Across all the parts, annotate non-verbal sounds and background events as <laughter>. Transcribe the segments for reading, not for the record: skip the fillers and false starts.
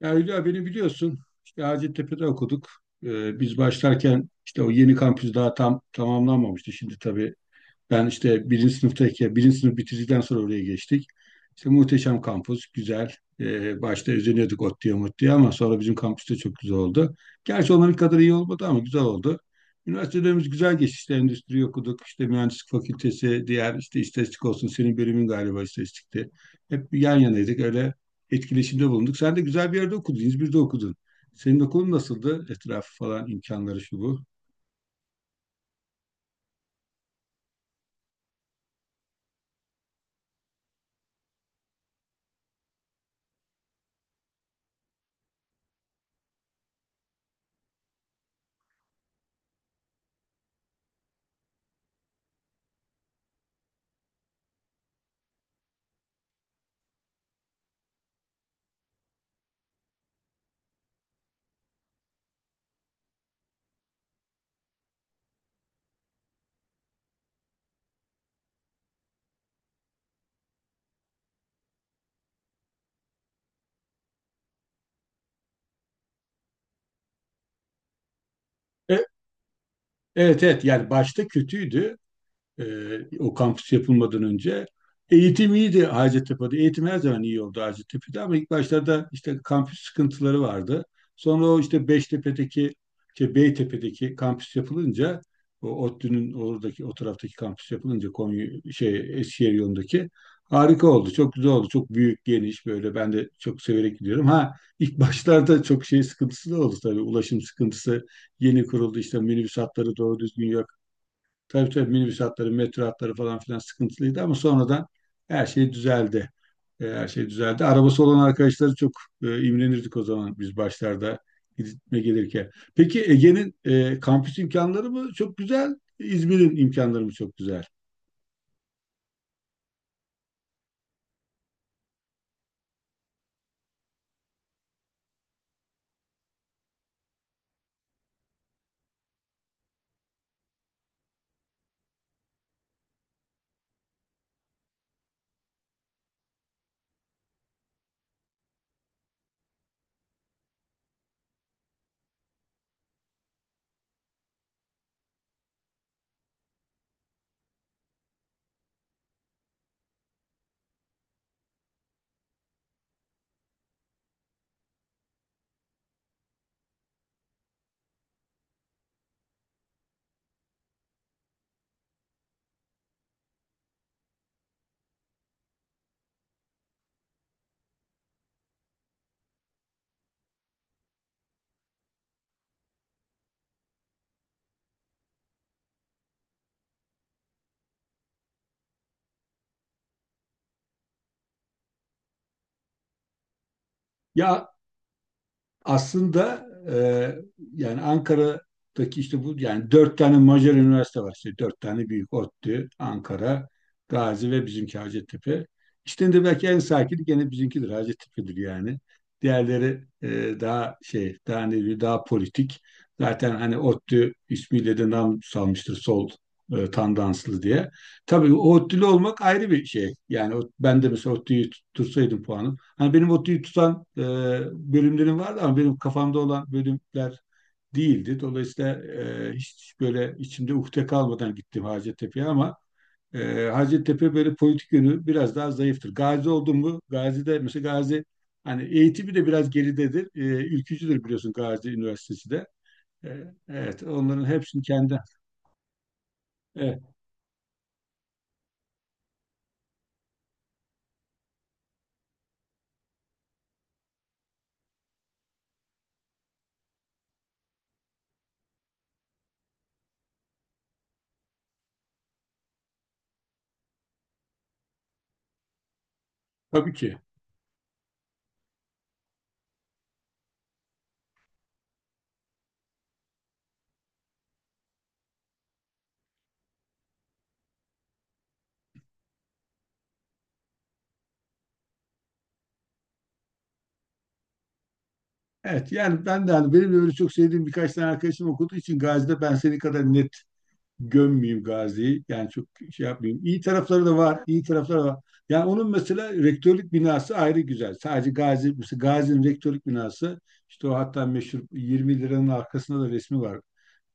Ya Hülya, beni biliyorsun. İşte Hacettepe'de okuduk. Biz başlarken işte o yeni kampüs daha tam tamamlanmamıştı. Şimdi tabii ben işte birinci sınıftayken, birinci sınıf bitirdikten sonra oraya geçtik. İşte muhteşem kampüs, güzel. Başta özeniyorduk ot mutluya ama sonra bizim kampüs de çok güzel oldu. Gerçi onların kadar iyi olmadı ama güzel oldu. Üniversitelerimiz güzel geçti. İşte endüstri okuduk, işte mühendislik fakültesi, diğer işte istatistik olsun, senin bölümün galiba istatistikti. Hep yan yanaydık, öyle etkileşimde bulunduk. Sen de güzel bir yerde okudun, İzmir'de okudun. Senin okulun nasıldı? Etrafı falan, imkanları şu bu. E, evet evet, yani başta kötüydü o kampüs yapılmadan önce. Eğitim iyiydi Hacettepe'de. Eğitim her zaman iyi oldu Hacettepe'de ama ilk başlarda işte kampüs sıkıntıları vardı. Sonra o işte Beştepe'deki, şey Beytepe'deki kampüs yapılınca, o ODTÜ'nün oradaki, o taraftaki kampüs yapılınca Konya, şey Eskişehir yolundaki harika oldu. Çok güzel oldu. Çok büyük, geniş böyle ben de çok severek gidiyorum. Ha ilk <laughs> başlarda çok şey sıkıntısı da oldu tabii. Ulaşım sıkıntısı yeni kuruldu. İşte minibüs hatları doğru düzgün yok. Tabii tabii, minibüs hatları, metro hatları falan filan sıkıntılıydı ama sonradan her şey düzeldi. Her şey düzeldi. Arabası olan arkadaşları çok imrenirdik o zaman biz başlarda gitme gelirken. Peki Ege'nin kampüs imkanları mı çok güzel, İzmir'in imkanları mı çok güzel? Ya aslında yani Ankara'daki işte bu yani dört tane Macar üniversite var, işte dört tane büyük: ODTÜ, Ankara, Gazi ve bizimki Hacettepe. İçlerinde belki en sakini gene bizimkidir, Hacettepe'dir yani. Diğerleri daha şey, daha ne diyeyim, daha politik. Zaten hani ODTÜ ismiyle de nam salmıştır sol tandanslı diye. Tabii ODTÜ'lü olmak ayrı bir şey. Yani ben de mesela ODTÜ'yü tutursaydım puanım. Hani benim o tüyü tutan bölümlerim vardı ama benim kafamda olan bölümler değildi. Dolayısıyla hiç böyle içimde ukde kalmadan gittim Hacettepe'ye ama Hacettepe böyle politik yönü biraz daha zayıftır. Gazi oldum mu? Gazi'de mesela Gazi hani eğitimi de biraz geridedir. Ülkücüdür biliyorsun Gazi Üniversitesi de. Evet, onların hepsini kendi. Evet, tabii ki. Evet, yani ben de hani, benim de öyle çok sevdiğim birkaç tane arkadaşım okuduğu için Gazi'de, ben senin kadar net gömmeyeyim Gazi'yi. Yani çok şey yapmayayım. İyi tarafları da var, iyi tarafları da var. Yani onun mesela rektörlük binası ayrı güzel. Sadece Gazi, mesela Gazi'nin rektörlük binası işte o, hatta meşhur 20 liranın arkasında da resmi var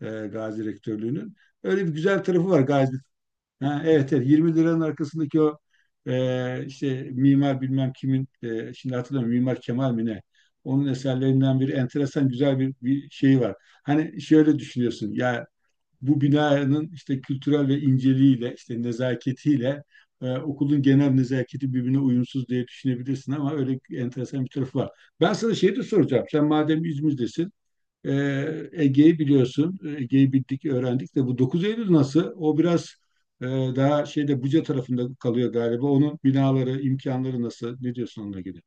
Gazi rektörlüğünün. Öyle bir güzel tarafı var Gazi. Ha, evet evet, 20 liranın arkasındaki o işte mimar bilmem kimin, şimdi hatırlamıyorum, Mimar Kemal mi ne? Onun eserlerinden bir enteresan güzel bir şey var. Hani şöyle düşünüyorsun ya, bu binanın işte kültürel ve inceliğiyle, işte nezaketiyle okulun genel nezaketi birbirine uyumsuz diye düşünebilirsin ama öyle enteresan bir tarafı var. Ben sana şey de soracağım. Sen madem İzmir'desin, e, Ege'yi biliyorsun. E, Ege'yi bildik, öğrendik de bu dokuz Eylül nasıl? O biraz e, daha şeyde Buca tarafında kalıyor galiba. Onun binaları, imkanları nasıl? Ne diyorsun onunla ilgili?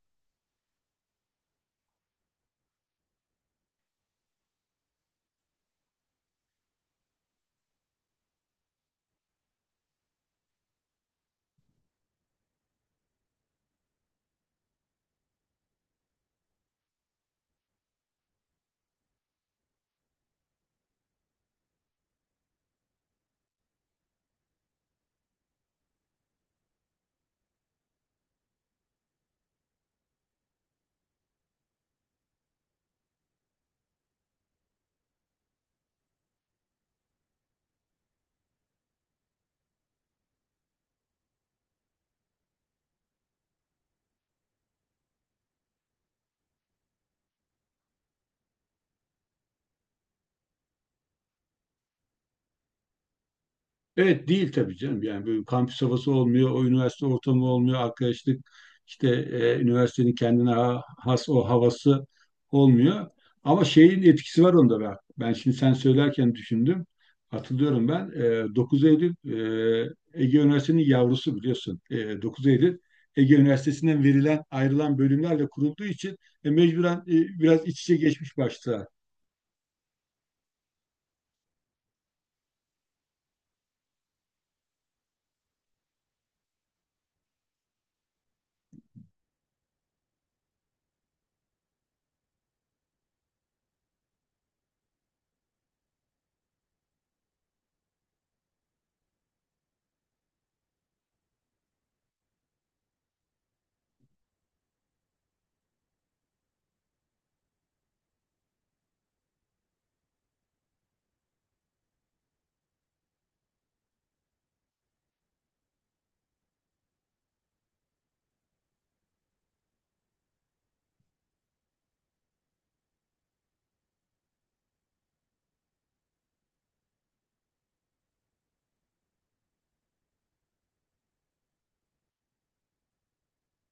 Evet, değil tabii canım. Yani böyle kampüs havası olmuyor, o üniversite ortamı olmuyor, arkadaşlık işte üniversitenin kendine has o havası olmuyor. Ama şeyin etkisi var onda, ben. Ben şimdi sen söylerken düşündüm. Hatırlıyorum ben. E, 9 Eylül Ege Üniversitesi'nin yavrusu biliyorsun. E, 9 Eylül Ege Üniversitesi'nden verilen ayrılan bölümlerle kurulduğu için mecburen biraz iç içe geçmiş başta.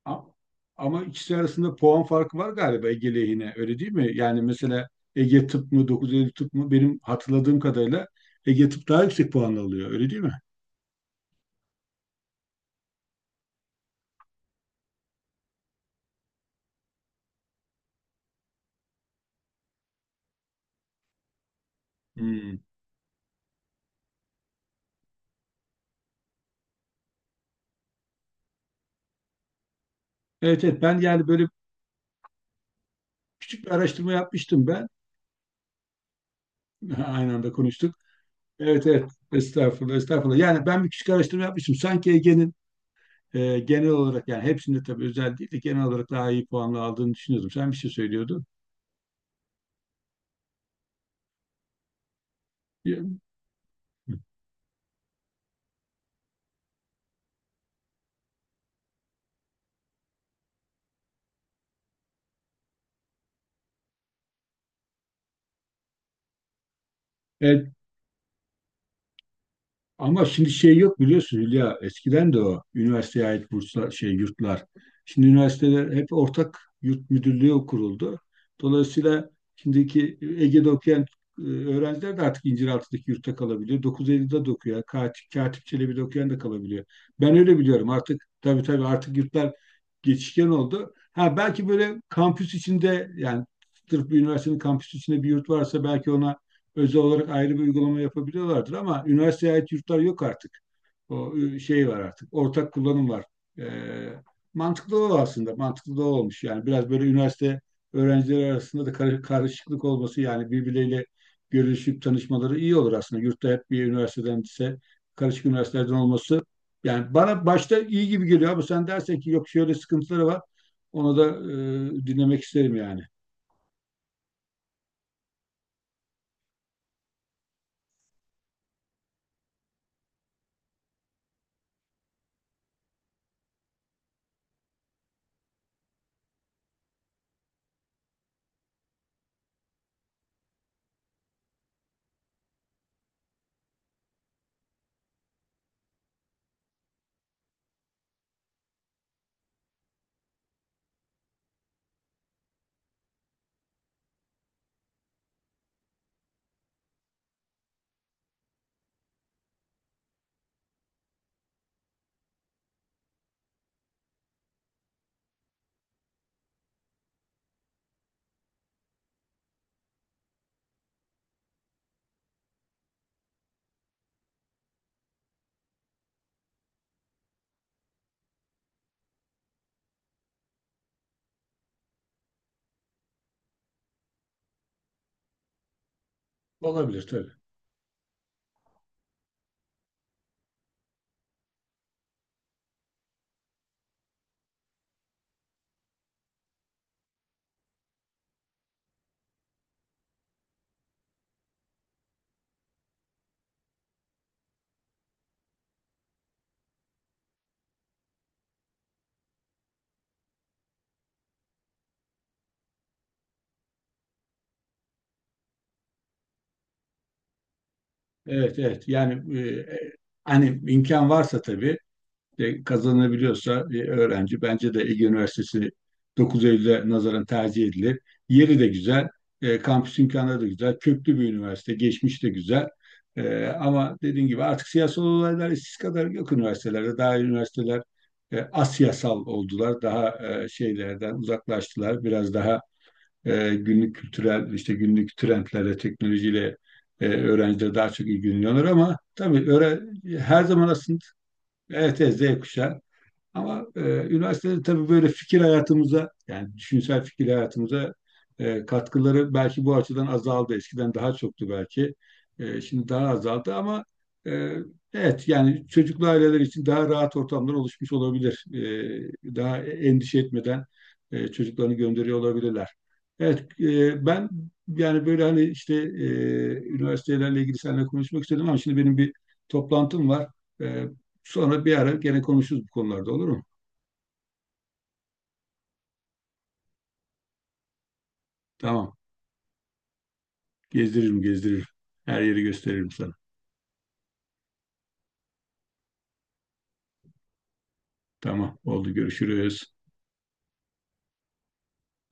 A- Ama ikisi arasında puan farkı var galiba Ege lehine, öyle değil mi? Yani mesela Ege Tıp mı, dokuz Eylül Tıp mı, benim hatırladığım kadarıyla Ege Tıp daha yüksek puan alıyor, öyle değil mi? Hmm. Evet evet, ben yani böyle küçük bir araştırma yapmıştım ben. <laughs> Aynı anda konuştuk. Evet evet, estağfurullah estağfurullah. Yani ben bir küçük araştırma yapmıştım. Sanki Ege'nin genel olarak, yani hepsinde tabii özel değil de genel olarak daha iyi puanla aldığını düşünüyordum. Sen bir şey söylüyordun. Evet. Ama şimdi şey yok biliyorsun Hülya. Eskiden de o üniversiteye ait burslar, şey yurtlar. Şimdi üniversiteler hep ortak yurt müdürlüğü kuruldu. Dolayısıyla şimdiki Ege'de okuyan öğrenciler de artık İnciraltı'daki yurtta kalabiliyor. 950'de de okuyor. Yani Katip, Katip Çelebi'de okuyan da kalabiliyor. Ben öyle biliyorum. Artık tabii tabii, artık yurtlar geçişken oldu. Ha belki böyle kampüs içinde, yani sırf bir üniversitenin kampüsü içinde bir yurt varsa belki ona özel olarak ayrı bir uygulama yapabiliyorlardır ama üniversiteye ait yurtlar yok artık. O şey var artık. Ortak kullanım var. E, Mantıklı o aslında. Mantıklı da o olmuş. Yani biraz böyle üniversite öğrencileri arasında da karışıklık olması, yani birbirleriyle görüşüp tanışmaları iyi olur aslında. Yurtta hep bir üniversiteden ise, karışık üniversitelerden olması yani bana başta iyi gibi geliyor ama sen dersen ki yok şöyle sıkıntıları var, onu da dinlemek isterim yani. Olabilir tabii. Evet evet, yani hani imkan varsa tabii kazanabiliyorsa öğrenci, bence de Ege Üniversitesi 9 Eylül'e nazaran tercih edilir. Yeri de güzel, kampüs imkanları da güzel, köklü bir üniversite, geçmiş de güzel. E, ama dediğim gibi artık siyasal olaylar eskisi kadar yok üniversitelerde. Daha üniversiteler asiyasal oldular, daha şeylerden uzaklaştılar, biraz daha günlük kültürel, işte günlük trendlerle, teknolojiyle öğrenciler daha çok ilgileniyorlar ama tabii öyle her zaman aslında, evet evet, Z kuşağı ama üniversitede tabii böyle fikir hayatımıza, yani düşünsel fikir hayatımıza katkıları belki bu açıdan azaldı. Eskiden daha çoktu belki. E, şimdi daha azaldı ama e, evet, yani çocuklu aileler için daha rahat ortamlar oluşmuş olabilir. E, daha endişe etmeden çocuklarını gönderiyor olabilirler. Evet, ben yani böyle hani işte üniversitelerle ilgili seninle konuşmak istedim ama şimdi benim bir toplantım var. E, sonra bir ara gene konuşuruz bu konularda, olur mu? Tamam. Gezdiririm, gezdiririm. Her yeri gösteririm sana. Tamam, oldu. Görüşürüz.